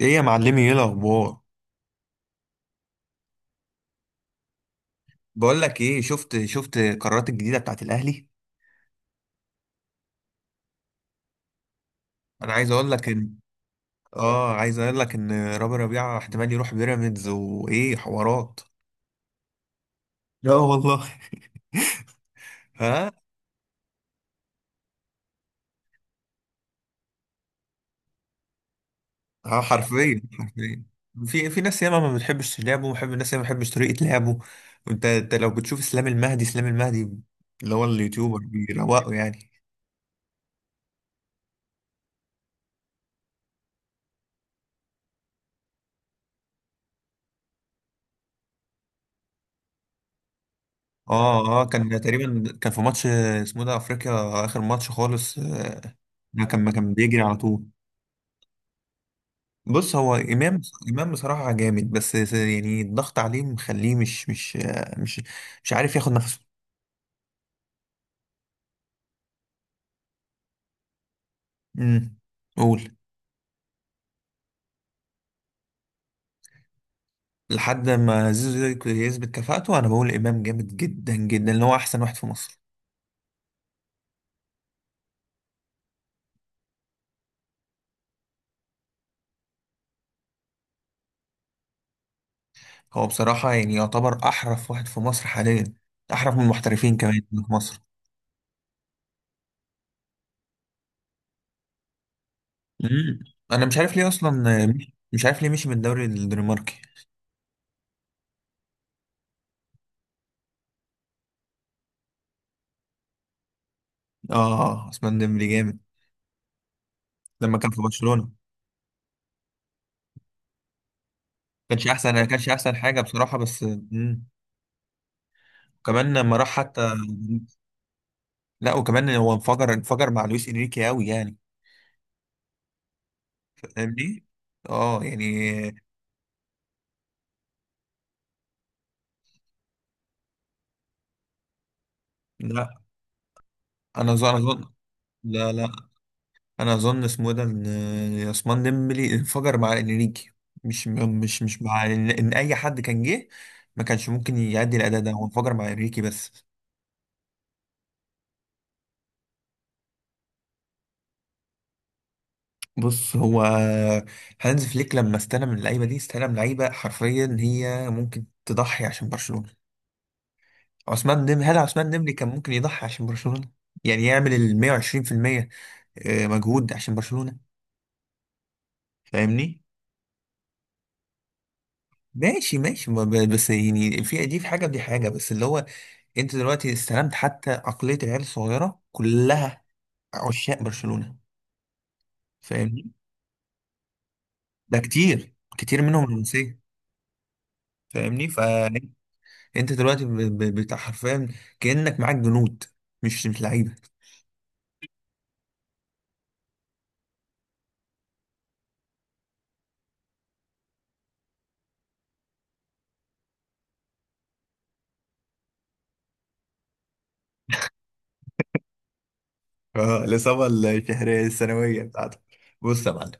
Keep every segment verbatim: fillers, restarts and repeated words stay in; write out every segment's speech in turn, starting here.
ايه يا معلمي؟ ايه الاخبار؟ بقول لك ايه، شفت شفت القرارات الجديده بتاعت الاهلي. انا عايز اقول لك ان... اه عايز اقول لك ان رامي ربيعه احتمال يروح بيراميدز وايه حوارات. لا والله ها. اه حرفيا حرفيا. في في ناس ياما ما بتحبش لعبه، ومحب الناس ياما ما بتحبش طريقه لعبه. وانت انت لو بتشوف اسلام المهدي، اسلام المهدي اللي هو اليوتيوبر، بيروقه يعني. اه اه كان تقريبا كان في ماتش، آه، اسمه ده افريقيا، اخر ماتش خالص، آه، كان، ما كان بيجري على طول. بص، هو امام، امام بصراحه جامد. بس س- يعني الضغط عليه مخليه مش مش مش مش عارف ياخد نفسه. امم. قول. لحد ما زيزو يك- يثبت كفاءته، انا بقول امام جامد جدا جدا، اللي هو احسن واحد في مصر. هو بصراحه يعني يعتبر احرف واحد في مصر حاليا، احرف من المحترفين كمان اللي في مصر. امم. انا مش عارف ليه اصلا، مش عارف ليه مشي من الدوري الدنماركي. اه عثمان ديمبلي جامد لما كان في برشلونه. كانش احسن كانش احسن حاجه بصراحه. بس مم. كمان لما راح حتى. لا وكمان هو انفجر انفجر مع لويس انريكي قوي يعني، فاهمني؟ اه يعني لا، انا اظن أنا اظن. لا لا، انا اظن اسمه إيه ده، ان إن عثمان ديمبلي انفجر مع انريكي، مش مش مش مع ان إن اي حد كان جه ما كانش ممكن يأدي الاداء ده. هو انفجر مع انريكي بس. بص هو، هانز فليك لما استلم اللعيبه دي، استلم لعيبه حرفيا هي ممكن تضحي عشان برشلونه. عثمان ديمبلي، هل عثمان ديمبلي كان ممكن يضحي عشان برشلونة؟ يعني يعمل ال مية وعشرين بالمية، آه، مجهود عشان برشلونة، فاهمني؟ ماشي ماشي، ما ب- بس يعني في دي في حاجة ودي حاجة، بس اللي هو، انت دلوقتي استلمت حتى عقلية العيال الصغيرة كلها، عشاق برشلونة، فاهمني؟ ده كتير كتير منهم رومانسية، فاهمني؟ فانت دلوقتي ب- ب- بتاع حرفيا، كأنك معاك جنود، مش مش لعيبة. اه الإصابة الشهرية السنوية بتاعتك. بص يا معلم،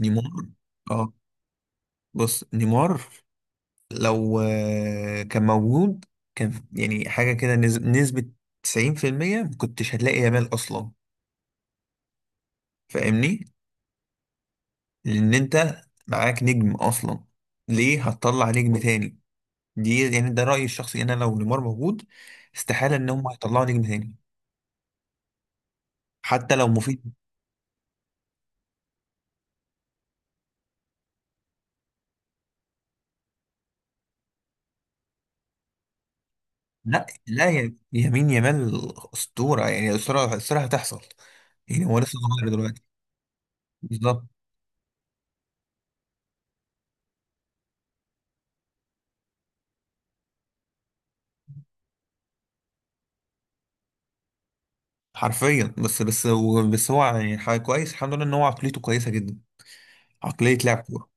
نيمار، اه بص نيمار، لو آه، كان موجود، كان في- يعني حاجة كده، نز- نسبة تسعين في المائة، ما كنتش هتلاقي يامال أصلا، فاهمني؟ لأن أنت معاك نجم أصلا، ليه هتطلع نجم تاني؟ دي يعني ده رأيي الشخصي. أنا لو نيمار موجود، استحالة إن هم هيطلعوا نجم تاني، حتى لو مفيد. لا لا، يا يمين يامال أسطورة، يعني أسطورة، أسطورة هتحصل، يعني هو لسه صغير دلوقتي. بالظبط. حرفيا، بس بس هو بس هو يعني حاجة كويس، الحمد لله ان هو عقليته كويسه جدا، عقليه لاعب كوره.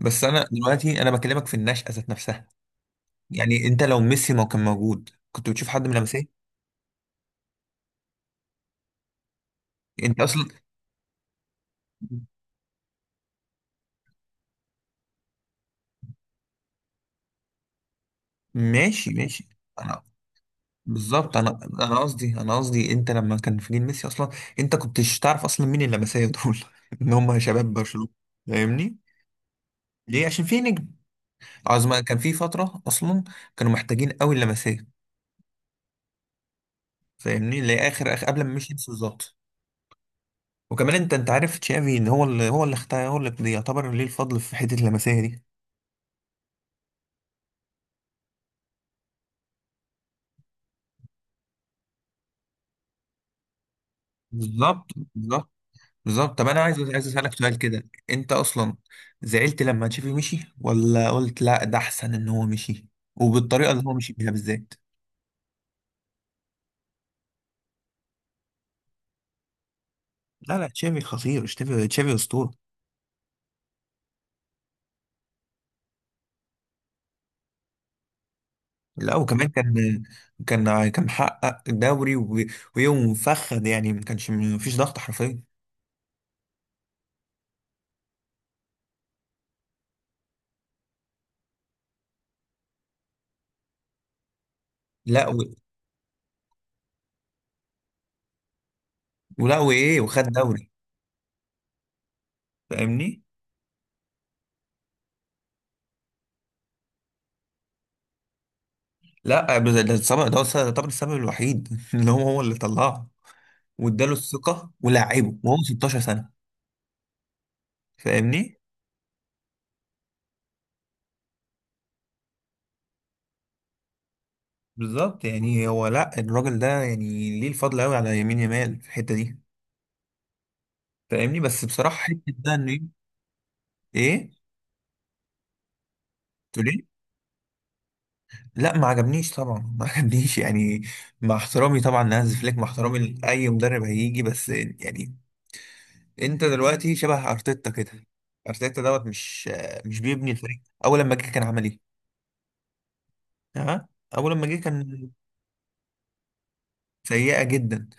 بس انا دلوقتي، انا بكلمك في النشأة ذات نفسها. يعني انت لو ميسي ما كان موجود، كنت بتشوف حد من لمسيه؟ انت اصلا، ماشي ماشي. انا، بالظبط، انا انا قصدي انا قصدي، انت لما كان في جيل ميسي اصلا، انت كنتش تعرف اصلا مين اللمسيه دول ان هم شباب برشلونه، فاهمني؟ ليه؟ عشان في نجم، عظمة كان في فتره اصلا، كانوا محتاجين قوي اللمسيه، فاهمني؟ لاخر اخر اخر قبل ما مشي، بالظبط. وكمان انت انت عارف تشافي، ان هو اللي هو اللي اختار، هو اللي يعتبر ليه الفضل في حته اللمسيه دي. بالظبط، بالظبط، بالظبط. طب انا عايز عايز اسالك سؤال كده. انت اصلا زعلت لما تشافي مشي، ولا قلت لا ده احسن ان هو مشي، وبالطريقه اللي هو مشي بيها بالذات؟ لا لا، تشافي خطير، تشافي تشافي اسطوره. لا وكمان كان، كان كان محقق دوري. و- ويوم مفخد يعني، ما كانش، ما فيش ضغط حرفيا. لا، و... ولا وايه، وخد دوري، فاهمني؟ لا بس ده السبب، ده هو يعتبر السبب الوحيد ان هو هو اللي طلعه، واداله الثقه ولاعبه وهو ستاشر سنه، فاهمني؟ بالظبط، يعني هو لا، الراجل ده يعني ليه الفضل قوي على يمين يمال في الحته دي، فاهمني؟ بس بصراحه حته ده انه ايه؟ إيه؟ تقول ايه؟ لا، ما عجبنيش طبعا ما عجبنيش يعني. مع احترامي طبعا لهانز فليك، مع احترامي لاي مدرب هيجي، بس يعني انت دلوقتي شبه ارتيتا كده. ارتيتا دوت مش مش بيبني الفريق. اول لما جه، كان عمل ايه؟ تمام. اول لما جه، كان سيئه جدا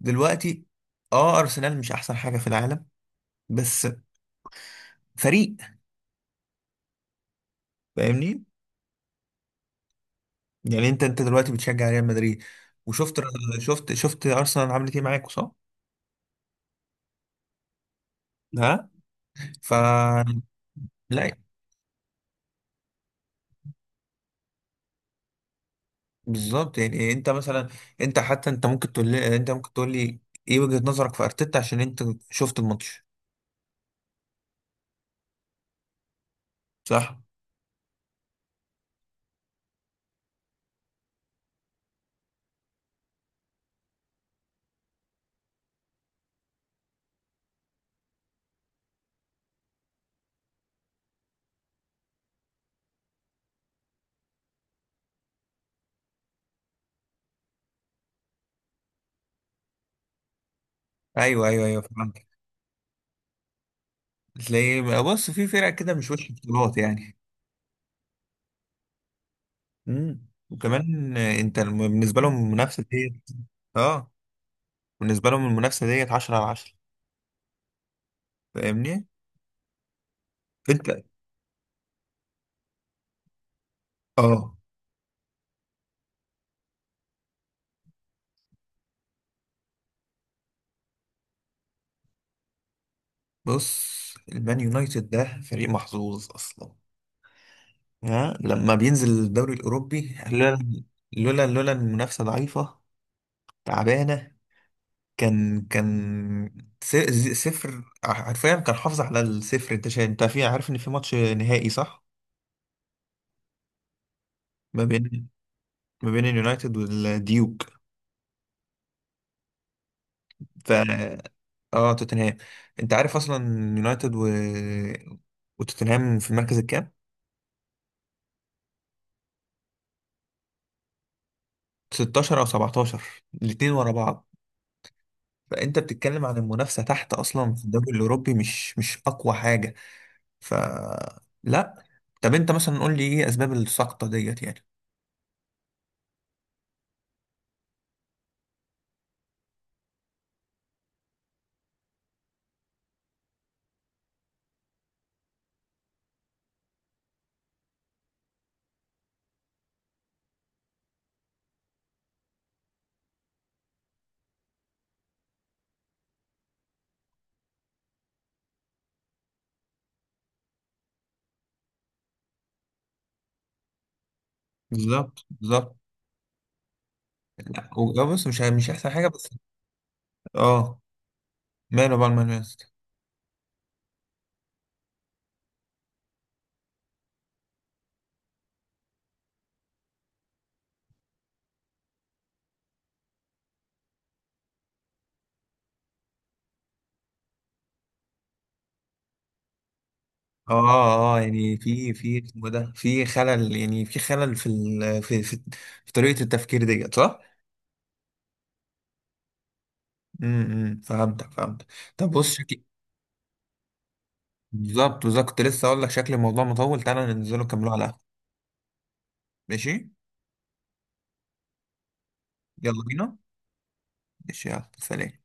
دلوقتي. اه ارسنال مش احسن حاجه في العالم، بس فريق، فاهمني؟ يعني انت انت دلوقتي بتشجع ريال مدريد، وشفت، شفت شفت ارسنال عملت ايه معاك؟ صح؟ ها. ف لا، بالظبط. يعني انت مثلا، انت حتى انت ممكن تقول لي، انت ممكن تقول لي ايه وجهة نظرك في ارتيتا؟ عشان انت شفت الماتش، صح؟ ايوه ايوه ايوه، فهمت. تلاقي بص، في فرق كده مش وش بطولات يعني. مم. وكمان انت الم- بالنسبه لهم المنافسه ديت، اه بالنسبه لهم المنافسه ديت عشرة على عشرة، فاهمني؟ انت، اه بص المان يونايتد ده فريق محظوظ اصلا. ها، لما بينزل الدوري الاوروبي. لولا، لولا لولا المنافسه ضعيفه، تعبانه، كان كان س- ز- صفر حرفيا. كان حافظ على الصفر. انت شا... انت في عارف ان في ماتش نهائي، صح؟ ما بين، ما بين اليونايتد والديوك. ف اه توتنهام. انت عارف اصلا يونايتد، و... وتوتنهام في المركز الكام؟ ستاشر او سبعتاشر، الاتنين ورا بعض. فانت بتتكلم عن المنافسه تحت اصلا في الدوري الاوروبي، مش مش اقوى حاجه. ف لا. طب انت مثلا قول لي ايه اسباب السقطه ديت يعني. بالظبط بالظبط. لا و- آه بص، مش مش احسن حاجه بس. اه ماله بقى المان يونايتد. اه اه اه، يعني في في اسمه ده في خلل، يعني في خلل في ال... في في, في طريقه التفكير ديت، صح؟ امم امم. فهمتك فهمتك. طب بص، شكلي بالظبط بالظبط كنت لسه اقول لك شكل الموضوع مطول. تعالى ننزله نكمله على القهوة. ماشي. يلا بينا. ماشي، يلا سلام.